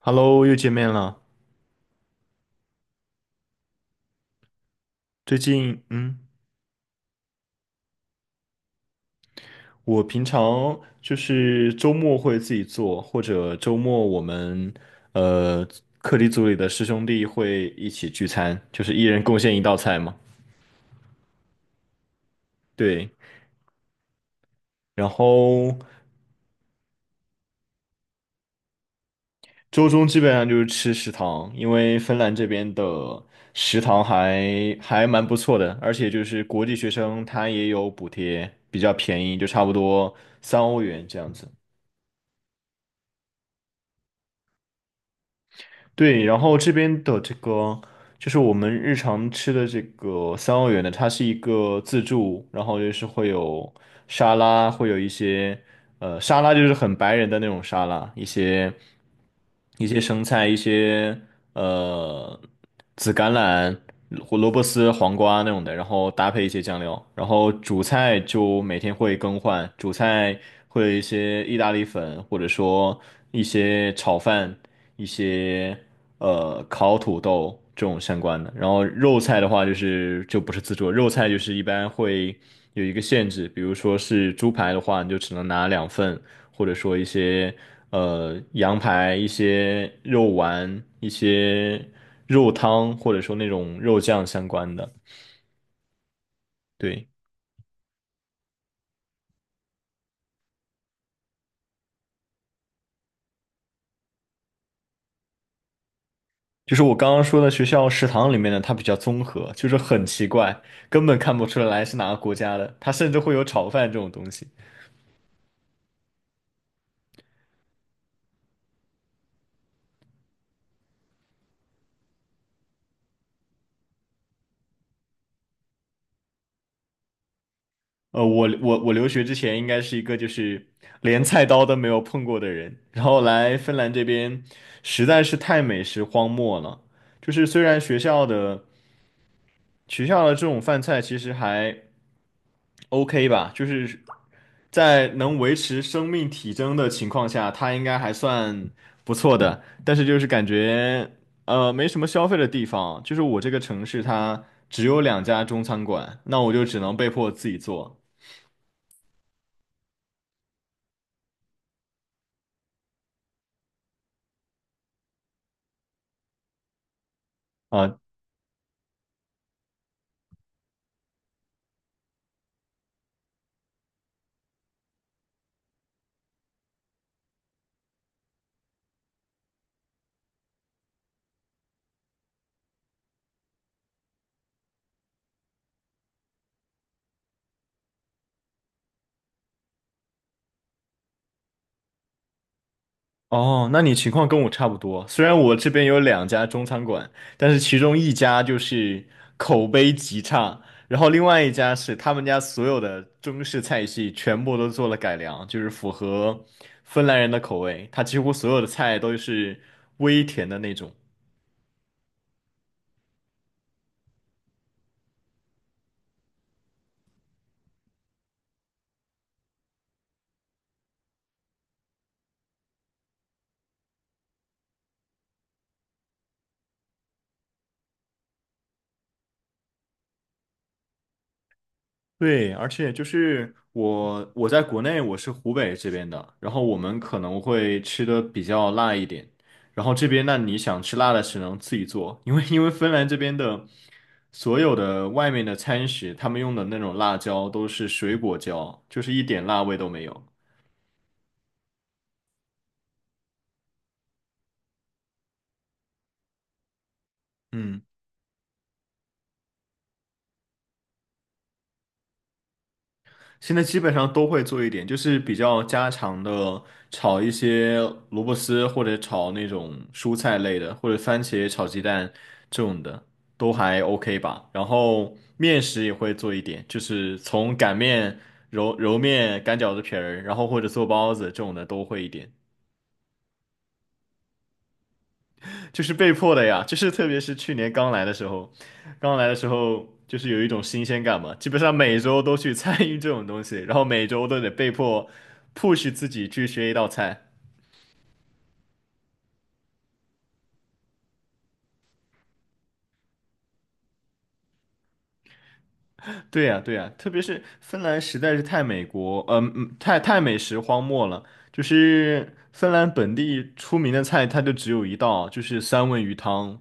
Hello，又见面了。最近，我平常就是周末会自己做，或者周末我们呃课题组里的师兄弟会一起聚餐，就是一人贡献一道菜嘛。对，然后周中基本上就是吃食堂，因为芬兰这边的食堂还蛮不错的，而且就是国际学生他也有补贴，比较便宜，就差不多3欧元这样子。对，然后这边的这个。就是我们日常吃的这个三澳园的，它是一个自助，然后就是会有沙拉，会有一些沙拉就是很白人的那种沙拉，一些生菜，一些呃紫甘蓝、胡萝卜丝、黄瓜那种的，然后搭配一些酱料，然后主菜就每天会更换，主菜会有一些意大利粉，或者说一些炒饭，一些烤土豆这种相关的。然后肉菜的话，就不是自助，肉菜就是一般会有一个限制，比如说是猪排的话，你就只能拿2份，或者说一些羊排、一些肉丸、一些肉汤，或者说那种肉酱相关的。对，就是我刚刚说的学校食堂里面的，它比较综合，就是很奇怪，根本看不出来是哪个国家的，它甚至会有炒饭这种东西。我留学之前应该是一个就是连菜刀都没有碰过的人，然后来芬兰这边实在是太美食荒漠了。就是虽然学校的这种饭菜其实还 OK 吧，就是在能维持生命体征的情况下，它应该还算不错的，但是就是感觉没什么消费的地方，就是我这个城市它只有两家中餐馆，那我就只能被迫自己做。啊、哦，那你情况跟我差不多。虽然我这边有两家中餐馆，但是其中一家就是口碑极差，然后另外一家是他们家所有的中式菜系全部都做了改良，就是符合芬兰人的口味。它几乎所有的菜都是微甜的那种。对，而且就是我在国内我是湖北这边的，然后我们可能会吃的比较辣一点，然后这边那你想吃辣的只能自己做，因为芬兰这边的所有的外面的餐食，他们用的那种辣椒都是水果椒，就是一点辣味都没有。嗯。现在基本上都会做一点，就是比较家常的，炒一些萝卜丝或者炒那种蔬菜类的，或者番茄炒鸡蛋这种的，都还 OK 吧。然后面食也会做一点，就是从擀面、揉面、擀饺子皮儿，然后或者做包子这种的都会一点。就是被迫的呀，就是特别是去年刚来的时候，刚来的时候就是有一种新鲜感嘛，基本上每周都去参与这种东西，然后每周都得被迫 push 自己去学一道菜。对呀，对呀，特别是芬兰实在是太美国，嗯、嗯，太太美食荒漠了。就是芬兰本地出名的菜，它就只有一道，就是三文鱼汤。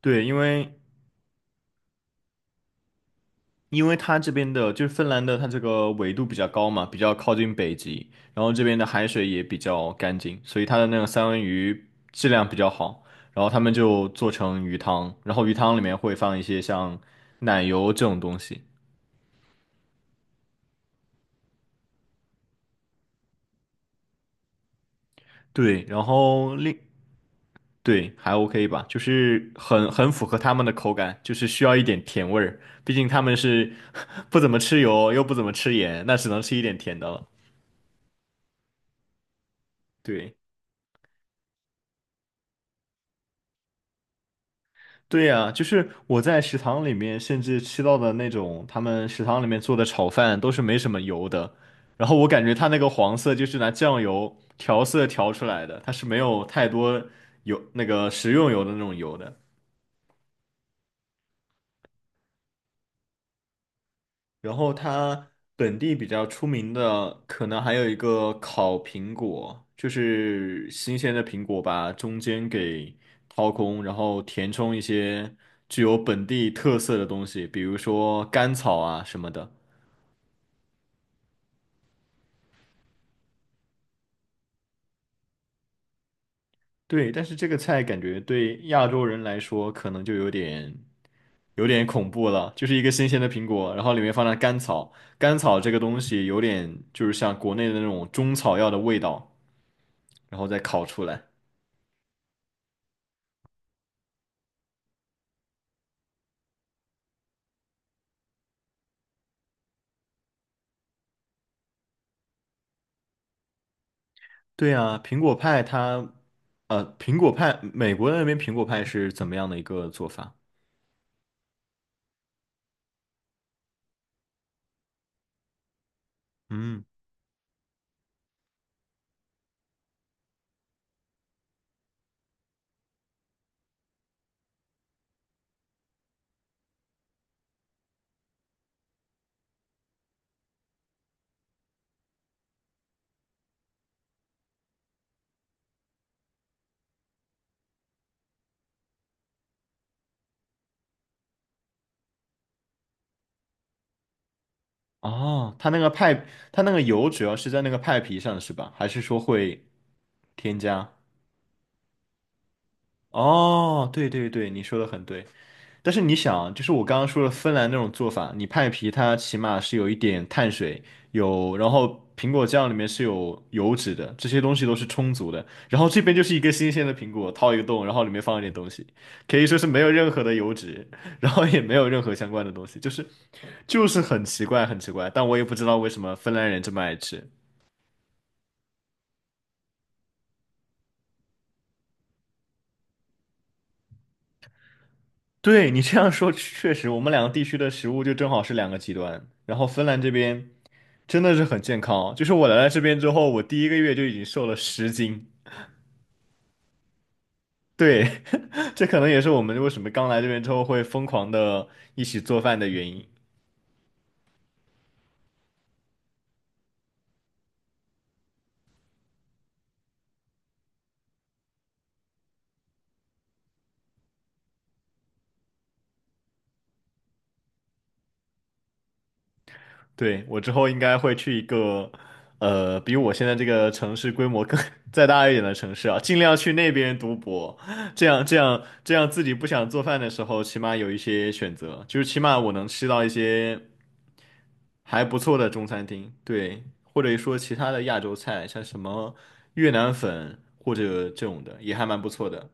对，因为它这边的就是芬兰的，它这个纬度比较高嘛，比较靠近北极，然后这边的海水也比较干净，所以它的那个三文鱼质量比较好。然后他们就做成鱼汤，然后鱼汤里面会放一些像奶油这种东西。对，然后另对还 OK 吧，就是很符合他们的口感，就是需要一点甜味儿，毕竟他们是 不怎么吃油，又不怎么吃盐，那只能吃一点甜的了。对。对呀，就是我在食堂里面甚至吃到的那种他们食堂里面做的炒饭都是没什么油的，然后我感觉它那个黄色就是拿酱油调色调出来的，它是没有太多油那个食用油的那种油的。然后它本地比较出名的可能还有一个烤苹果，就是新鲜的苹果把中间给掏空，然后填充一些具有本地特色的东西，比如说甘草啊什么的。对，但是这个菜感觉对亚洲人来说可能就有点恐怖了，就是一个新鲜的苹果，然后里面放了甘草，甘草这个东西有点就是像国内的那种中草药的味道，然后再烤出来。对啊，苹果派它，苹果派，美国那边苹果派是怎么样的一个做法？嗯，哦，它那个派，它那个油主要是在那个派皮上是吧？还是说会添加？哦，对对对，你说的很对。但是你想，就是我刚刚说的芬兰那种做法，你派皮它起码是有一点碳水，有，然后苹果酱里面是有油脂的，这些东西都是充足的。然后这边就是一个新鲜的苹果，掏一个洞，然后里面放一点东西，可以说是没有任何的油脂，然后也没有任何相关的东西，就是很奇怪，很奇怪。但我也不知道为什么芬兰人这么爱吃。对你这样说，确实，我们两个地区的食物就正好是两个极端。然后芬兰这边。真的是很健康哦就是我来了这边之后，我第一个月就已经瘦了10斤。对，这可能也是我们为什么刚来这边之后会疯狂的一起做饭的原因。对，我之后应该会去一个，比我现在这个城市规模更 再大一点的城市啊，尽量去那边读博，这样自己不想做饭的时候，起码有一些选择，就是起码我能吃到一些。还不错的中餐厅，对，或者说其他的亚洲菜，像什么越南粉或者这种的，也还蛮不错的。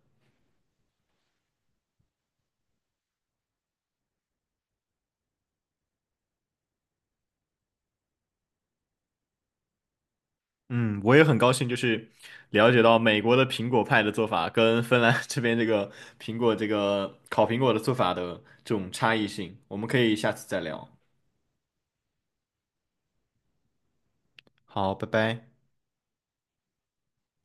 嗯，我也很高兴，就是了解到美国的苹果派的做法跟芬兰 这边这个苹果这个烤苹果的做法的这种差异性，我们可以下次再聊。好，拜拜。